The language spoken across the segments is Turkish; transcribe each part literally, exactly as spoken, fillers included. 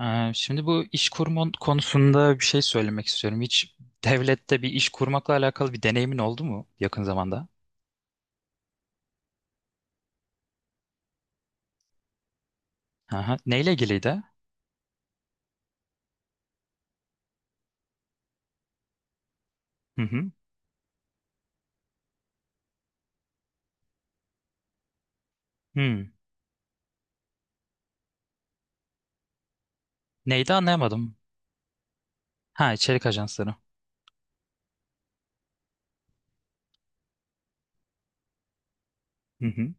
Ee, Şimdi bu iş kurma konusunda bir şey söylemek istiyorum. Hiç devlette bir iş kurmakla alakalı bir deneyimin oldu mu yakın zamanda? Aha. Neyle ilgiliydi? Hı hı. Hmm. Neydi anlayamadım. Ha içerik ajansları. Hı hı.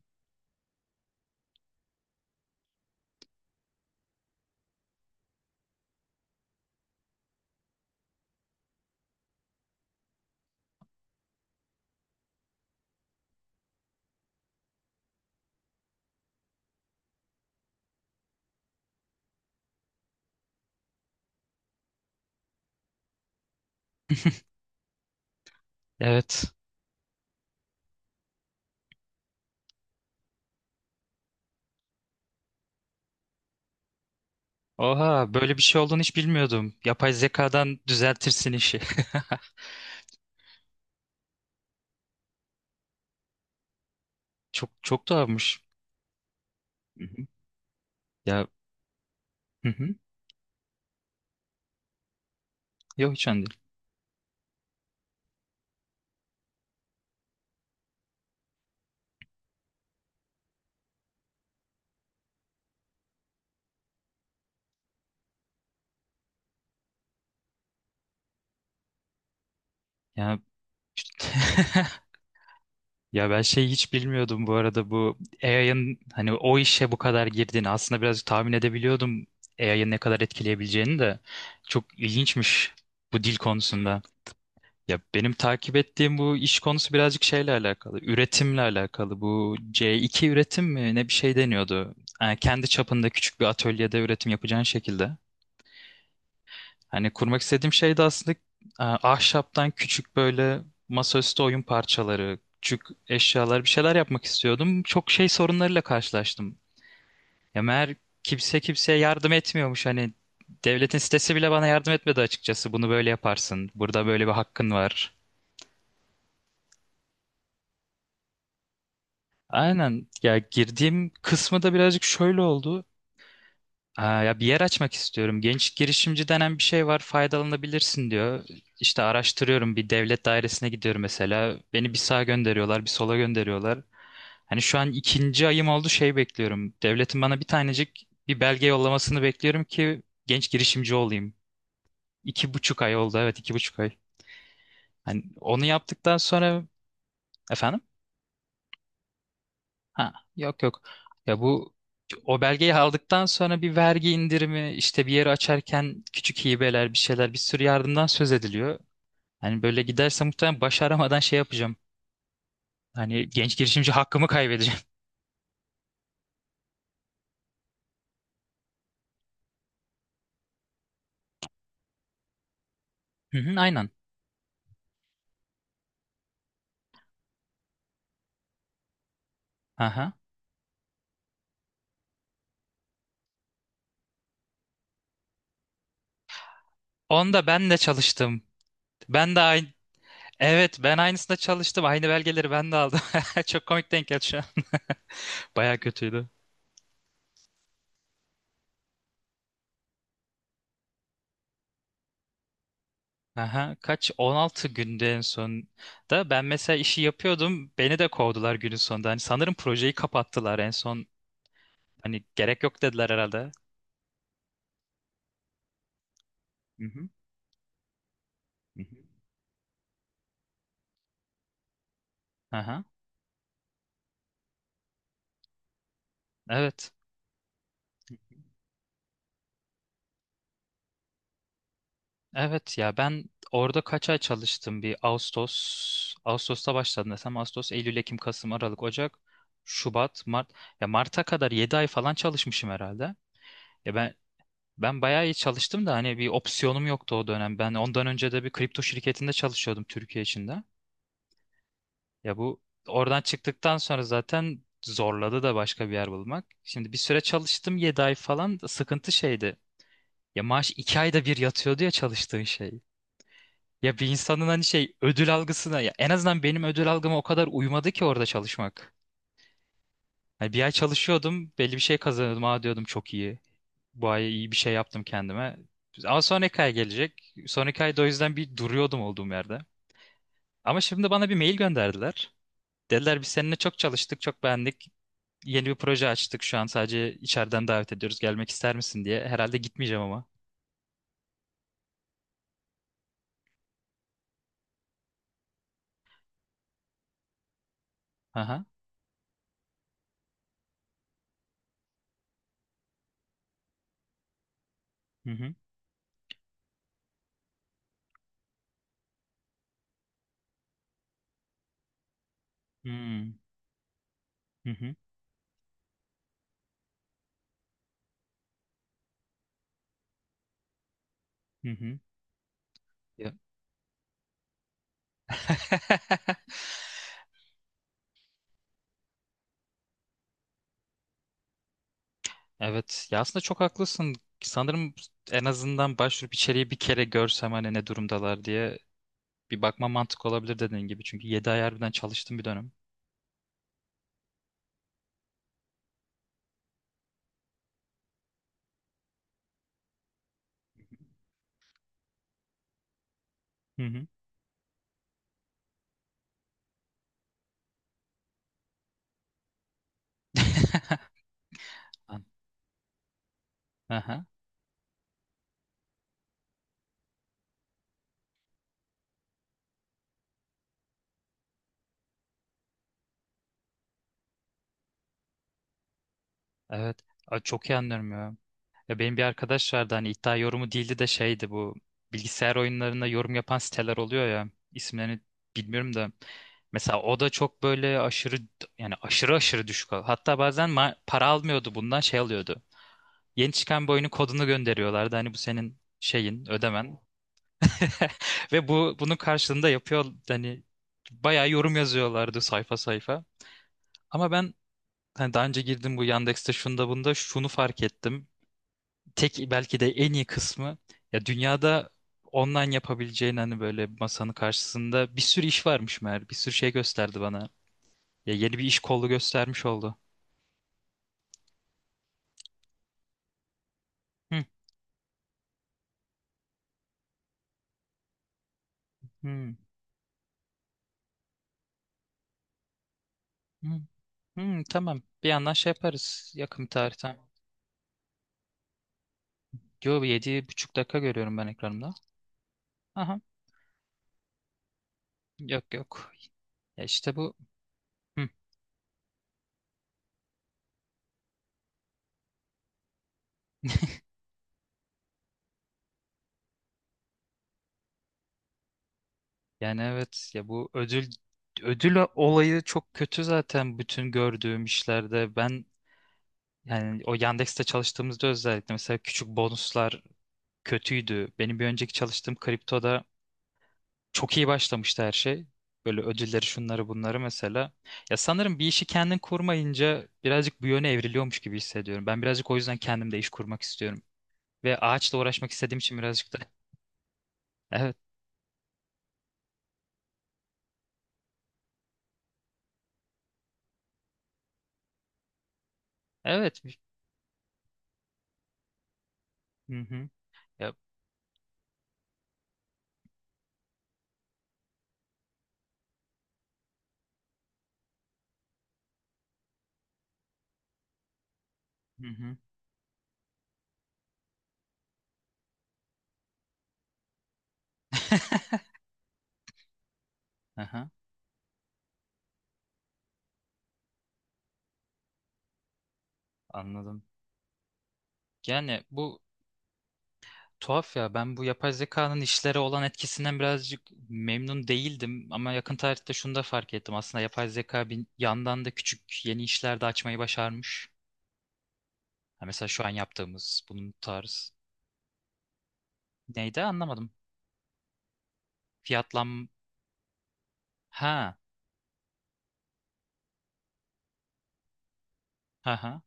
Evet. Oha böyle bir şey olduğunu hiç bilmiyordum. Yapay zekadan düzeltirsin işi. Çok çok tuhafmış. Hı hı. Ya, hı hı. Yok hiç önemli değil. Ya. Ya ben şey hiç bilmiyordum bu arada bu A I'ın hani o işe bu kadar girdiğini aslında birazcık tahmin edebiliyordum. A I'ın ne kadar etkileyebileceğini de çok ilginçmiş bu dil konusunda. Ya benim takip ettiğim bu iş konusu birazcık şeyle alakalı, üretimle alakalı. Bu C iki üretim mi ne bir şey deniyordu. Yani kendi çapında küçük bir atölyede üretim yapacağın şekilde. Hani kurmak istediğim şey de aslında e, ahşaptan küçük böyle masaüstü oyun parçaları, küçük eşyalar bir şeyler yapmak istiyordum. Çok şey sorunlarıyla karşılaştım. Ya meğer kimse kimseye yardım etmiyormuş. Hani devletin sitesi bile bana yardım etmedi açıkçası. Bunu böyle yaparsın. Burada böyle bir hakkın var. Aynen. Ya girdiğim kısmı da birazcık şöyle oldu. Aa, ya bir yer açmak istiyorum. Genç girişimci denen bir şey var, faydalanabilirsin diyor. İşte araştırıyorum, bir devlet dairesine gidiyorum mesela. Beni bir sağa gönderiyorlar, bir sola gönderiyorlar. Hani şu an ikinci ayım oldu şey bekliyorum. Devletin bana bir tanecik bir belge yollamasını bekliyorum ki genç girişimci olayım. iki buçuk ay oldu, evet iki buçuk ay. Hani onu yaptıktan sonra efendim? Ha, yok yok. Ya bu o belgeyi aldıktan sonra bir vergi indirimi, işte bir yeri açarken küçük hibeler, bir şeyler, bir sürü yardımdan söz ediliyor. Hani böyle giderse muhtemelen başaramadan şey yapacağım. Hani genç girişimci hakkımı kaybedeceğim. Hı hı, aynen. Aha. Onda ben de çalıştım. Ben de aynı. Evet, ben aynısında çalıştım. Aynı belgeleri ben de aldım. Çok komik denk geldi şu an. Baya kötüydü. Aha, kaç on altı günde en son da ben mesela işi yapıyordum beni de kovdular günün sonunda. Hani sanırım projeyi kapattılar en son hani gerek yok dediler herhalde. Hı hı. Hı hı. Aha, evet. Evet, ya ben orada kaç ay çalıştım bir Ağustos Ağustos'ta başladım desem Ağustos Eylül Ekim Kasım Aralık Ocak Şubat Mart ya Mart'a kadar yedi ay falan çalışmışım herhalde. Ya ben ben bayağı iyi çalıştım da hani bir opsiyonum yoktu o dönem. Ben ondan önce de bir kripto şirketinde çalışıyordum Türkiye içinde. Ya bu oradan çıktıktan sonra zaten zorladı da başka bir yer bulmak. Şimdi bir süre çalıştım yedi ay falan sıkıntı şeydi. Ya maaş iki ayda bir yatıyordu ya çalıştığın şey. Ya bir insanın hani şey ödül algısına ya en azından benim ödül algıma o kadar uymadı ki orada çalışmak. Hani bir ay çalışıyordum belli bir şey kazanıyordum. Aa diyordum çok iyi. Bu ay iyi bir şey yaptım kendime. Ama sonraki ay gelecek. Sonraki ayda o yüzden bir duruyordum olduğum yerde. Ama şimdi bana bir mail gönderdiler. Dediler biz seninle çok çalıştık, çok beğendik. Yeni bir proje açtık şu an sadece içeriden davet ediyoruz gelmek ister misin diye. Herhalde gitmeyeceğim ama. Aha. Hı hı. Hmm. Hı hı. Hı hı. Ya. Evet ya aslında çok haklısın. Sanırım en azından başvurup içeriği bir kere görsem hani ne durumdalar diye bir bakma mantık olabilir dediğin gibi. Çünkü yedi ay harbiden çalıştım bir dönem. Hı hı. An- Aha, evet. Aa, çok iyi anlıyorum ya. Ya benim bir arkadaş vardı hani iddia yorumu değildi de şeydi bu bilgisayar oyunlarında yorum yapan siteler oluyor ya isimlerini bilmiyorum da mesela o da çok böyle aşırı yani aşırı aşırı düşük al- hatta bazen ma- para almıyordu bundan şey alıyordu yeni çıkan bir oyunun kodunu gönderiyorlardı hani bu senin şeyin ödemen. Ve bu bunun karşılığında yapıyor hani bayağı yorum yazıyorlardı sayfa sayfa ama ben hani daha önce girdim bu Yandex'te şunda bunda şunu fark ettim tek belki de en iyi kısmı ya dünyada online yapabileceğin hani böyle masanın karşısında bir sürü iş varmış meğer. Bir sürü şey gösterdi bana. Ya yeni bir iş kolu göstermiş oldu. Hı, hı, hı, hı, tamam. Bir yandan şey yaparız yakın bir tarihten. Yo yedi buçuk dakika görüyorum ben ekranımda. Aha, yok yok. Ya işte bu. Hı. Yani evet ya bu ödül ödül olayı çok kötü zaten bütün gördüğüm işlerde. Ben yani o Yandex'te çalıştığımızda özellikle mesela küçük bonuslar kötüydü. Benim bir önceki çalıştığım kriptoda çok iyi başlamıştı her şey. Böyle ödülleri şunları bunları mesela. Ya sanırım bir işi kendin kurmayınca birazcık bu yöne evriliyormuş gibi hissediyorum. Ben birazcık o yüzden kendim de iş kurmak istiyorum. Ve ağaçla uğraşmak istediğim için birazcık da. Evet. Evet. Hı hı. Ya, hı hı. Aha, anladım. Yani bu tuhaf ya ben bu yapay zekanın işlere olan etkisinden birazcık memnun değildim ama yakın tarihte şunu da fark ettim. Aslında yapay zeka bir yandan da küçük yeni işler de açmayı başarmış. Ha, mesela şu an yaptığımız bunun tarz. Neydi anlamadım. Fiyatlam... Ha. Ha ha.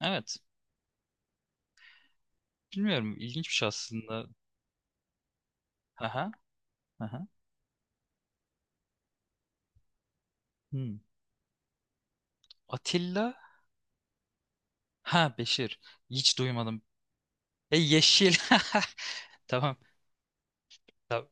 Evet. Bilmiyorum ilginç bir şey aslında. Ha ha. Ha ha. Hmm. Atilla? Ha Beşir. Hiç duymadım. E yeşil. Tamam. Tamam.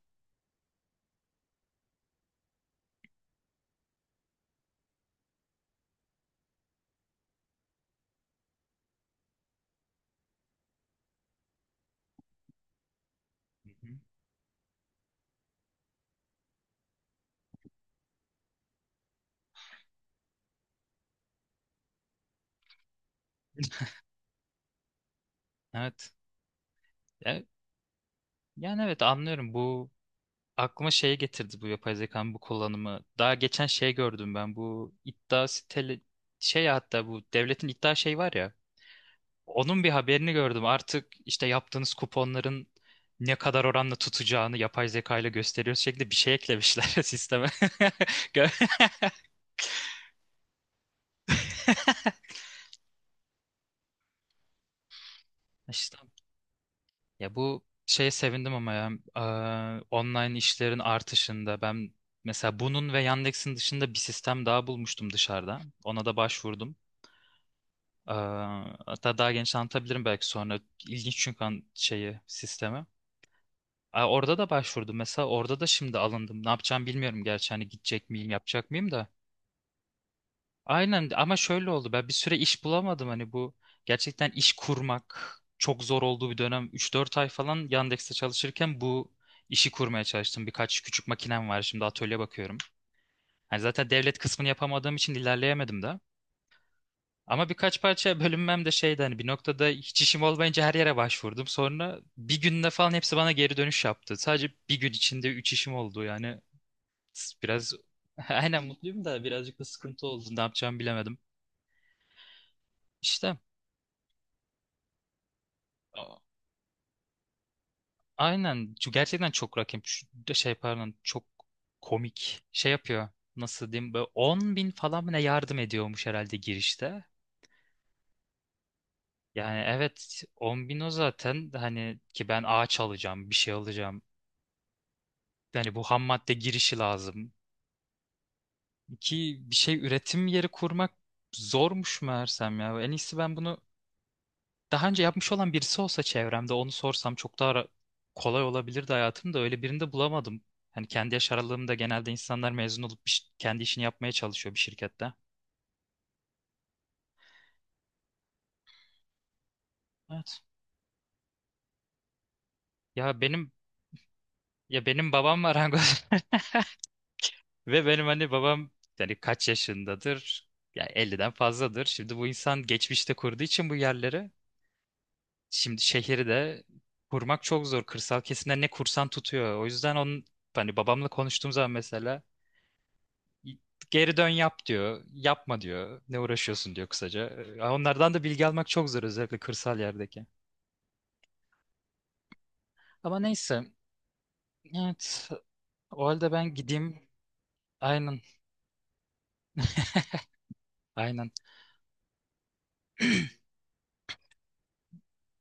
Hı hı. Evet. Ya- Yani evet anlıyorum bu aklıma şeye getirdi bu yapay zekanın bu kullanımı. Daha geçen şey gördüm ben bu iddia siteli şey ya hatta bu devletin iddia şey var ya. Onun bir haberini gördüm. Artık işte yaptığınız kuponların ne kadar oranla tutacağını yapay zeka ile gösteriyoruz şeklinde bir şey eklemişler sisteme. Gö- İşte ya bu şeye sevindim ama ya eee, online işlerin artışında ben mesela bunun ve Yandex'in dışında bir sistem daha bulmuştum dışarıda. Ona da başvurdum. Ee, hatta daha genç anlatabilirim belki sonra. İlginç çünkü an- şeyi, sistemi. Aa, orada da başvurdum. Mesela orada da şimdi alındım. Ne yapacağım bilmiyorum gerçi. Hani gidecek miyim, yapacak mıyım da. Aynen ama şöyle oldu. Ben bir süre iş bulamadım. Hani bu gerçekten iş kurmak çok zor olduğu bir dönem. Üç dört ay falan Yandex'te çalışırken bu işi kurmaya çalıştım. Birkaç küçük makinem var. Şimdi atölye bakıyorum. Hani zaten devlet kısmını yapamadığım için ilerleyemedim de. Ama birkaç parça bölünmem de şeydi hani bir noktada hiç işim olmayınca her yere başvurdum. Sonra bir günde falan hepsi bana geri dönüş yaptı. Sadece bir gün içinde üç işim oldu yani biraz. Aynen mutluyum da birazcık da sıkıntı oldu. Ne yapacağımı bilemedim. İşte, a- aynen. Şu gerçekten çok rakip Şu- de şey pardon çok komik şey yapıyor. Nasıl diyeyim böyle on bin falan mı ne yardım ediyormuş herhalde girişte. Yani evet on bin o zaten hani ki ben ağaç alacağım bir şey alacağım. Yani bu ham madde girişi lazım. Ki bir şey üretim yeri kurmak zormuş meğersem ya. En iyisi ben bunu daha önce yapmış olan birisi olsa çevremde onu sorsam çok daha ra- kolay olabilirdi hayatım da öyle birini de bulamadım. Hani kendi yaş aralığımda genelde insanlar mezun olup bir ş- kendi işini yapmaya çalışıyor bir şirkette. Evet. Ya benim ya benim babam marangoz. Ve benim hani babam yani kaç yaşındadır? Yani elliden fazladır. Şimdi bu insan geçmişte kurduğu için bu yerleri şimdi şehri de kurmak çok zor. Kırsal kesimde ne kursan tutuyor. O yüzden onun hani babamla konuştuğum zaman mesela geri dön yap diyor. Yapma diyor. Ne uğraşıyorsun diyor kısaca. Ee, Onlardan da bilgi almak çok zor özellikle kırsal yerdeki. Ama neyse. Evet. O halde ben gideyim. Aynen. Aynen.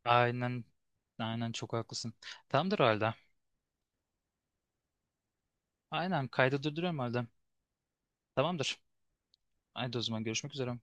Aynen. Aynen çok haklısın. Tamamdır o halde. Aynen kaydı durduruyorum o halde. Tamamdır. Haydi o zaman görüşmek üzere.